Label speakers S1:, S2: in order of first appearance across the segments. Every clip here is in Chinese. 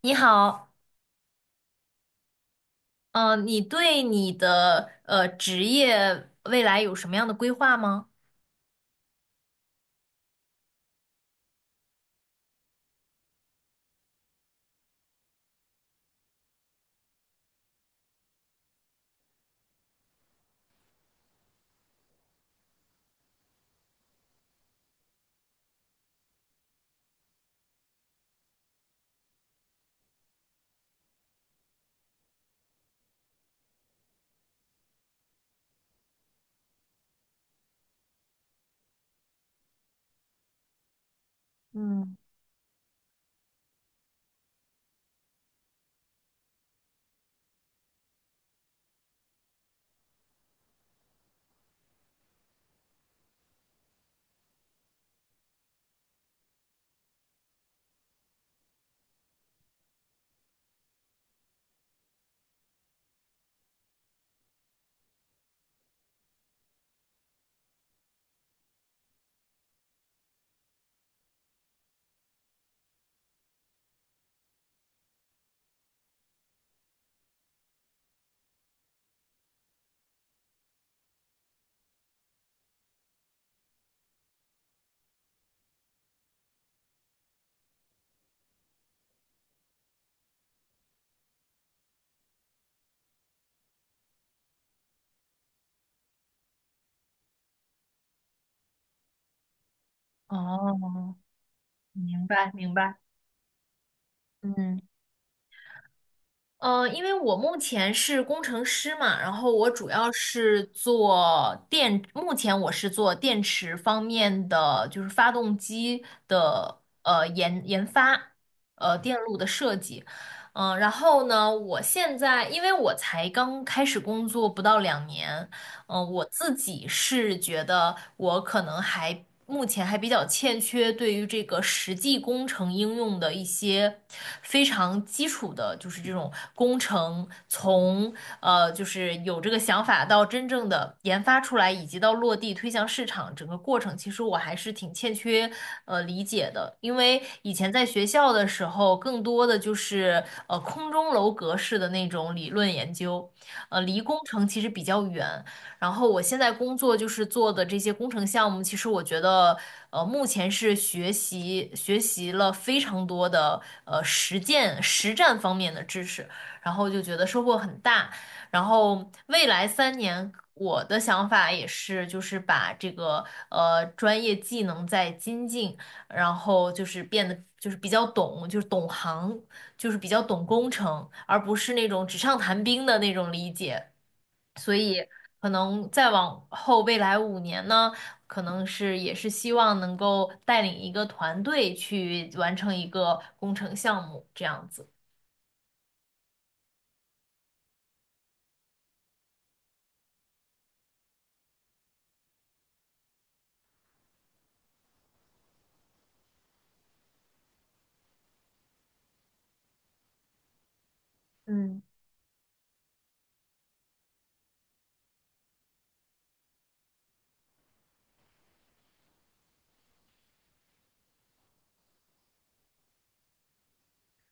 S1: 你好。你对你的职业未来有什么样的规划吗？嗯。哦。明白明白。嗯，因为我目前是工程师嘛，然后我主要是做电，目前我是做电池方面的，就是发动机的研发，电路的设计，然后呢，我现在因为我才刚开始工作不到2年，我自己是觉得我可能目前还比较欠缺对于这个实际工程应用的一些非常基础的，就是这种工程从就是有这个想法到真正的研发出来，以及到落地推向市场整个过程，其实我还是挺欠缺理解的，因为以前在学校的时候，更多的就是空中楼阁式的那种理论研究，离工程其实比较远。然后我现在工作就是做的这些工程项目，其实我觉得，目前是学习学习了非常多的实践实战方面的知识，然后就觉得收获很大。然后未来3年，我的想法也是，就是把这个专业技能再精进，然后就是变得就是比较懂，就是懂行，就是比较懂工程，而不是那种纸上谈兵的那种理解。可能再往后未来5年呢，可能是也是希望能够带领一个团队去完成一个工程项目，这样子。嗯，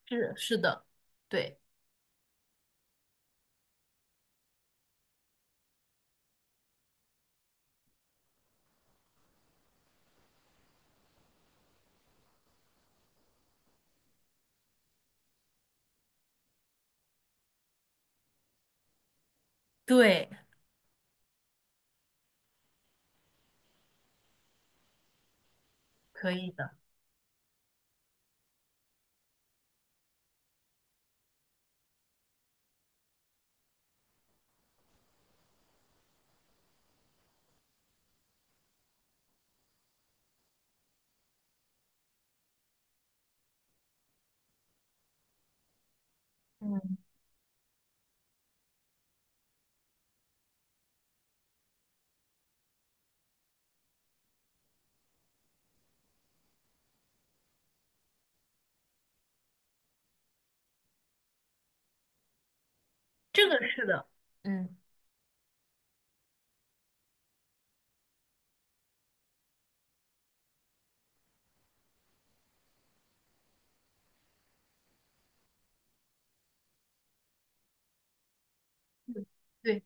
S1: 是是的，对，对，可以的，嗯，这个是的，嗯。对。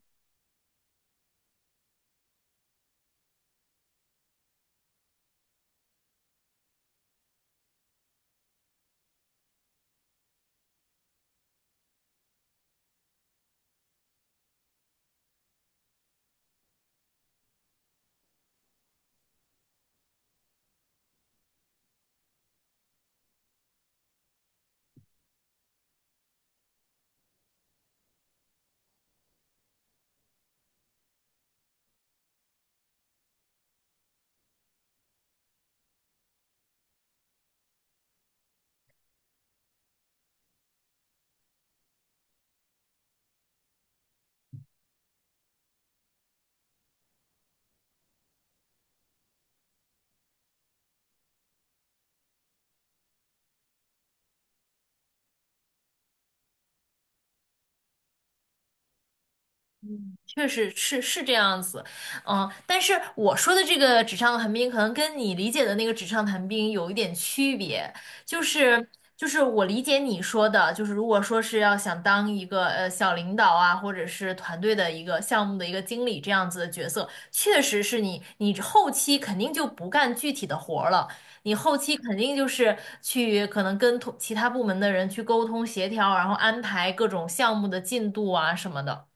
S1: 确实是这样子，嗯，但是我说的这个纸上谈兵，可能跟你理解的那个纸上谈兵有一点区别，就是就是我理解你说的，就是如果说是要想当一个小领导啊，或者是团队的一个项目的一个经理这样子的角色，确实是你后期肯定就不干具体的活儿了。你后期肯定就是去可能跟同其他部门的人去沟通协调，然后安排各种项目的进度啊什么的。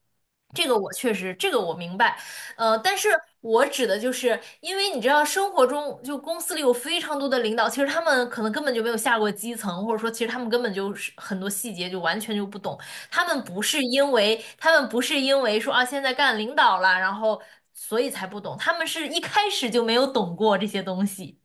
S1: 这个我确实，这个我明白，但是我指的就是，因为你知道，生活中就公司里有非常多的领导，其实他们可能根本就没有下过基层，或者说，其实他们根本就是很多细节就完全就不懂。他们不是因为说啊，现在干领导了，然后所以才不懂，他们是一开始就没有懂过这些东西。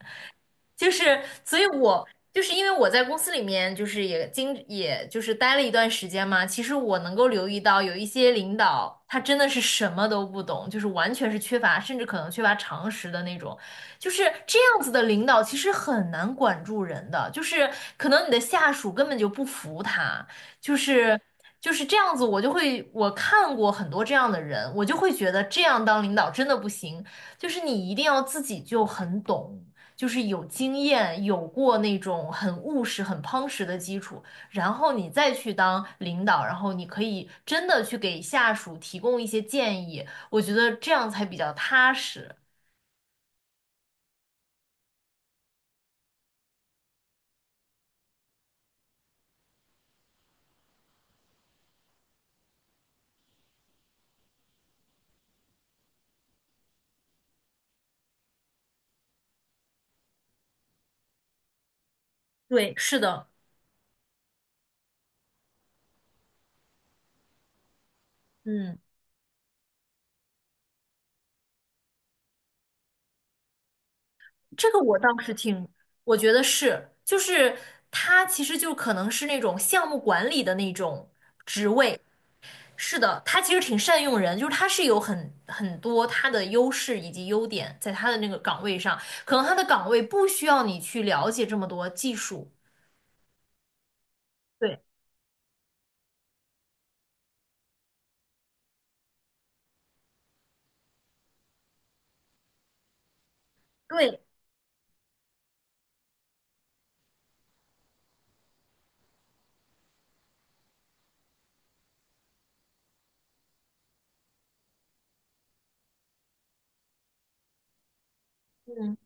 S1: 就是，所以我就是因为我在公司里面，就是也就是待了一段时间嘛。其实我能够留意到，有一些领导他真的是什么都不懂，就是完全是缺乏，甚至可能缺乏常识的那种。就是这样子的领导，其实很难管住人的。就是可能你的下属根本就不服他，就是就是这样子。我就会我看过很多这样的人，我就会觉得这样当领导真的不行，就是你一定要自己就很懂。就是有经验，有过那种很务实、很夯实的基础，然后你再去当领导，然后你可以真的去给下属提供一些建议，我觉得这样才比较踏实。对，是的，嗯，这个我倒是挺，我觉得是，就是他其实就可能是那种项目管理的那种。是的，他其实挺善用人，就是他是有很多他的优势以及优点在他的那个岗位上，可能他的岗位不需要你去了解这么多技术。对，对，嗯。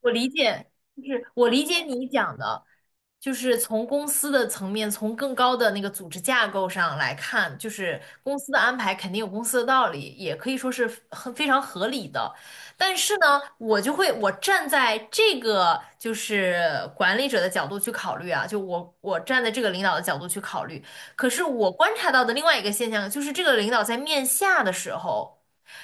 S1: 我理解，就是我理解你讲的，就是从公司的层面，从更高的那个组织架构上来看，就是公司的安排肯定有公司的道理，也可以说是很非常合理的。但是呢，我就会我站在这个就是管理者的角度去考虑啊，就我站在这个领导的角度去考虑，可是我观察到的另外一个现象就是，这个领导在面下的时候。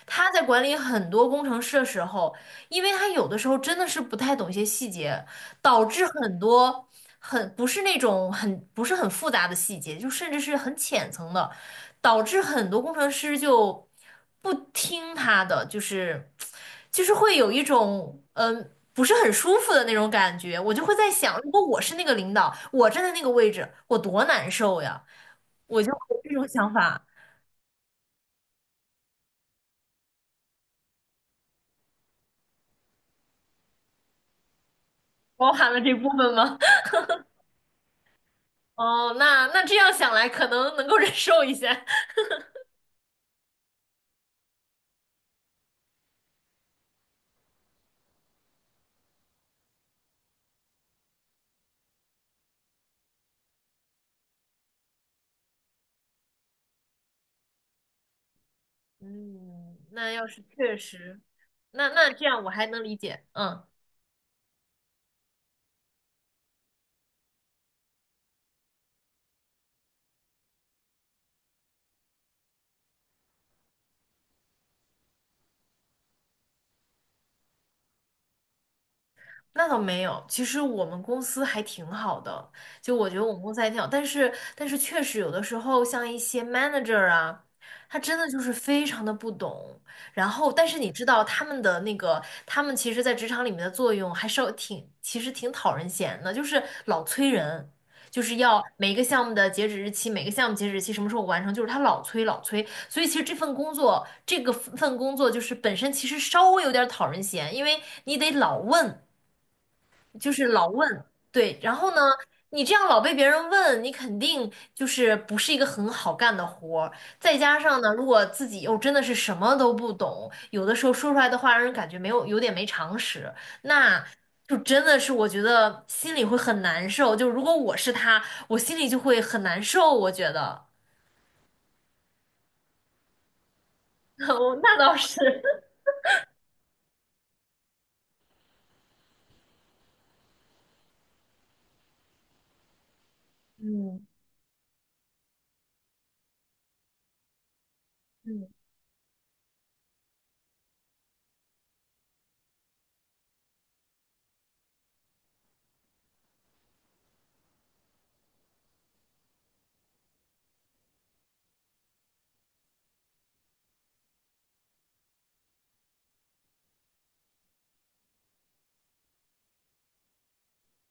S1: 他在管理很多工程师的时候，因为他有的时候真的是不太懂一些细节，导致很多很不是很复杂的细节，就甚至是很浅层的，导致很多工程师就不听他的，就是会有一种不是很舒服的那种感觉。我就会在想，如果我是那个领导，我站在那个位置，我多难受呀！我就有这种想法，包含了这部分吗？哦，那这样想来，可能能够忍受一下。嗯，那要是确实，那这样我还能理解，嗯。那倒没有，其实我们公司还挺好的，就我觉得我们公司还挺好，但是确实有的时候像一些 manager 啊，他真的就是非常的不懂，然后但是你知道他们的那个，他们其实在职场里面的作用还是挺，其实挺讨人嫌的，就是老催人，就是要每个项目的截止日期，每个项目截止日期什么时候完成，就是他老催老催，所以其实这份工作，这个份工作就是本身其实稍微有点讨人嫌，因为你得老问。就是老问，对，然后呢，你这样老被别人问，你肯定就是不是一个很好干的活儿。再加上呢，如果自己又真的是什么都不懂，有的时候说出来的话让人感觉没有有点没常识，那就真的是我觉得心里会很难受。就如果我是他，我心里就会很难受。我觉得，我那倒是，嗯嗯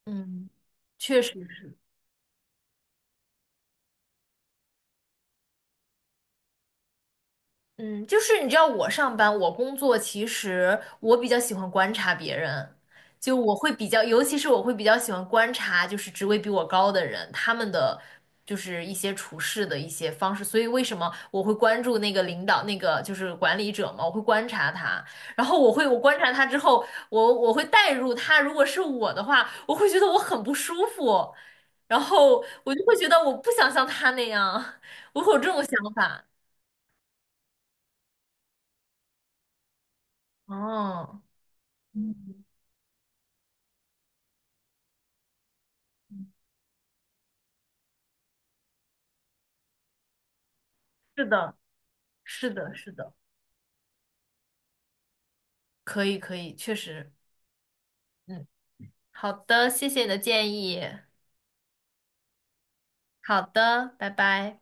S1: 嗯，确实。嗯，就是你知道我上班，我工作，其实我比较喜欢观察别人，就我会比较，尤其是我会比较喜欢观察，就是职位比我高的人，他们的就是一些处事的一些方式。所以为什么我会关注那个领导，那个就是管理者嘛，我会观察他，然后我观察他之后，我会带入他，如果是我的话，我会觉得我很不舒服，然后我就会觉得我不想像他那样，我会有这种想法。哦。嗯，是的，是的，是的，可以，可以，确实，嗯，好的，谢谢你的建议，好的，拜拜。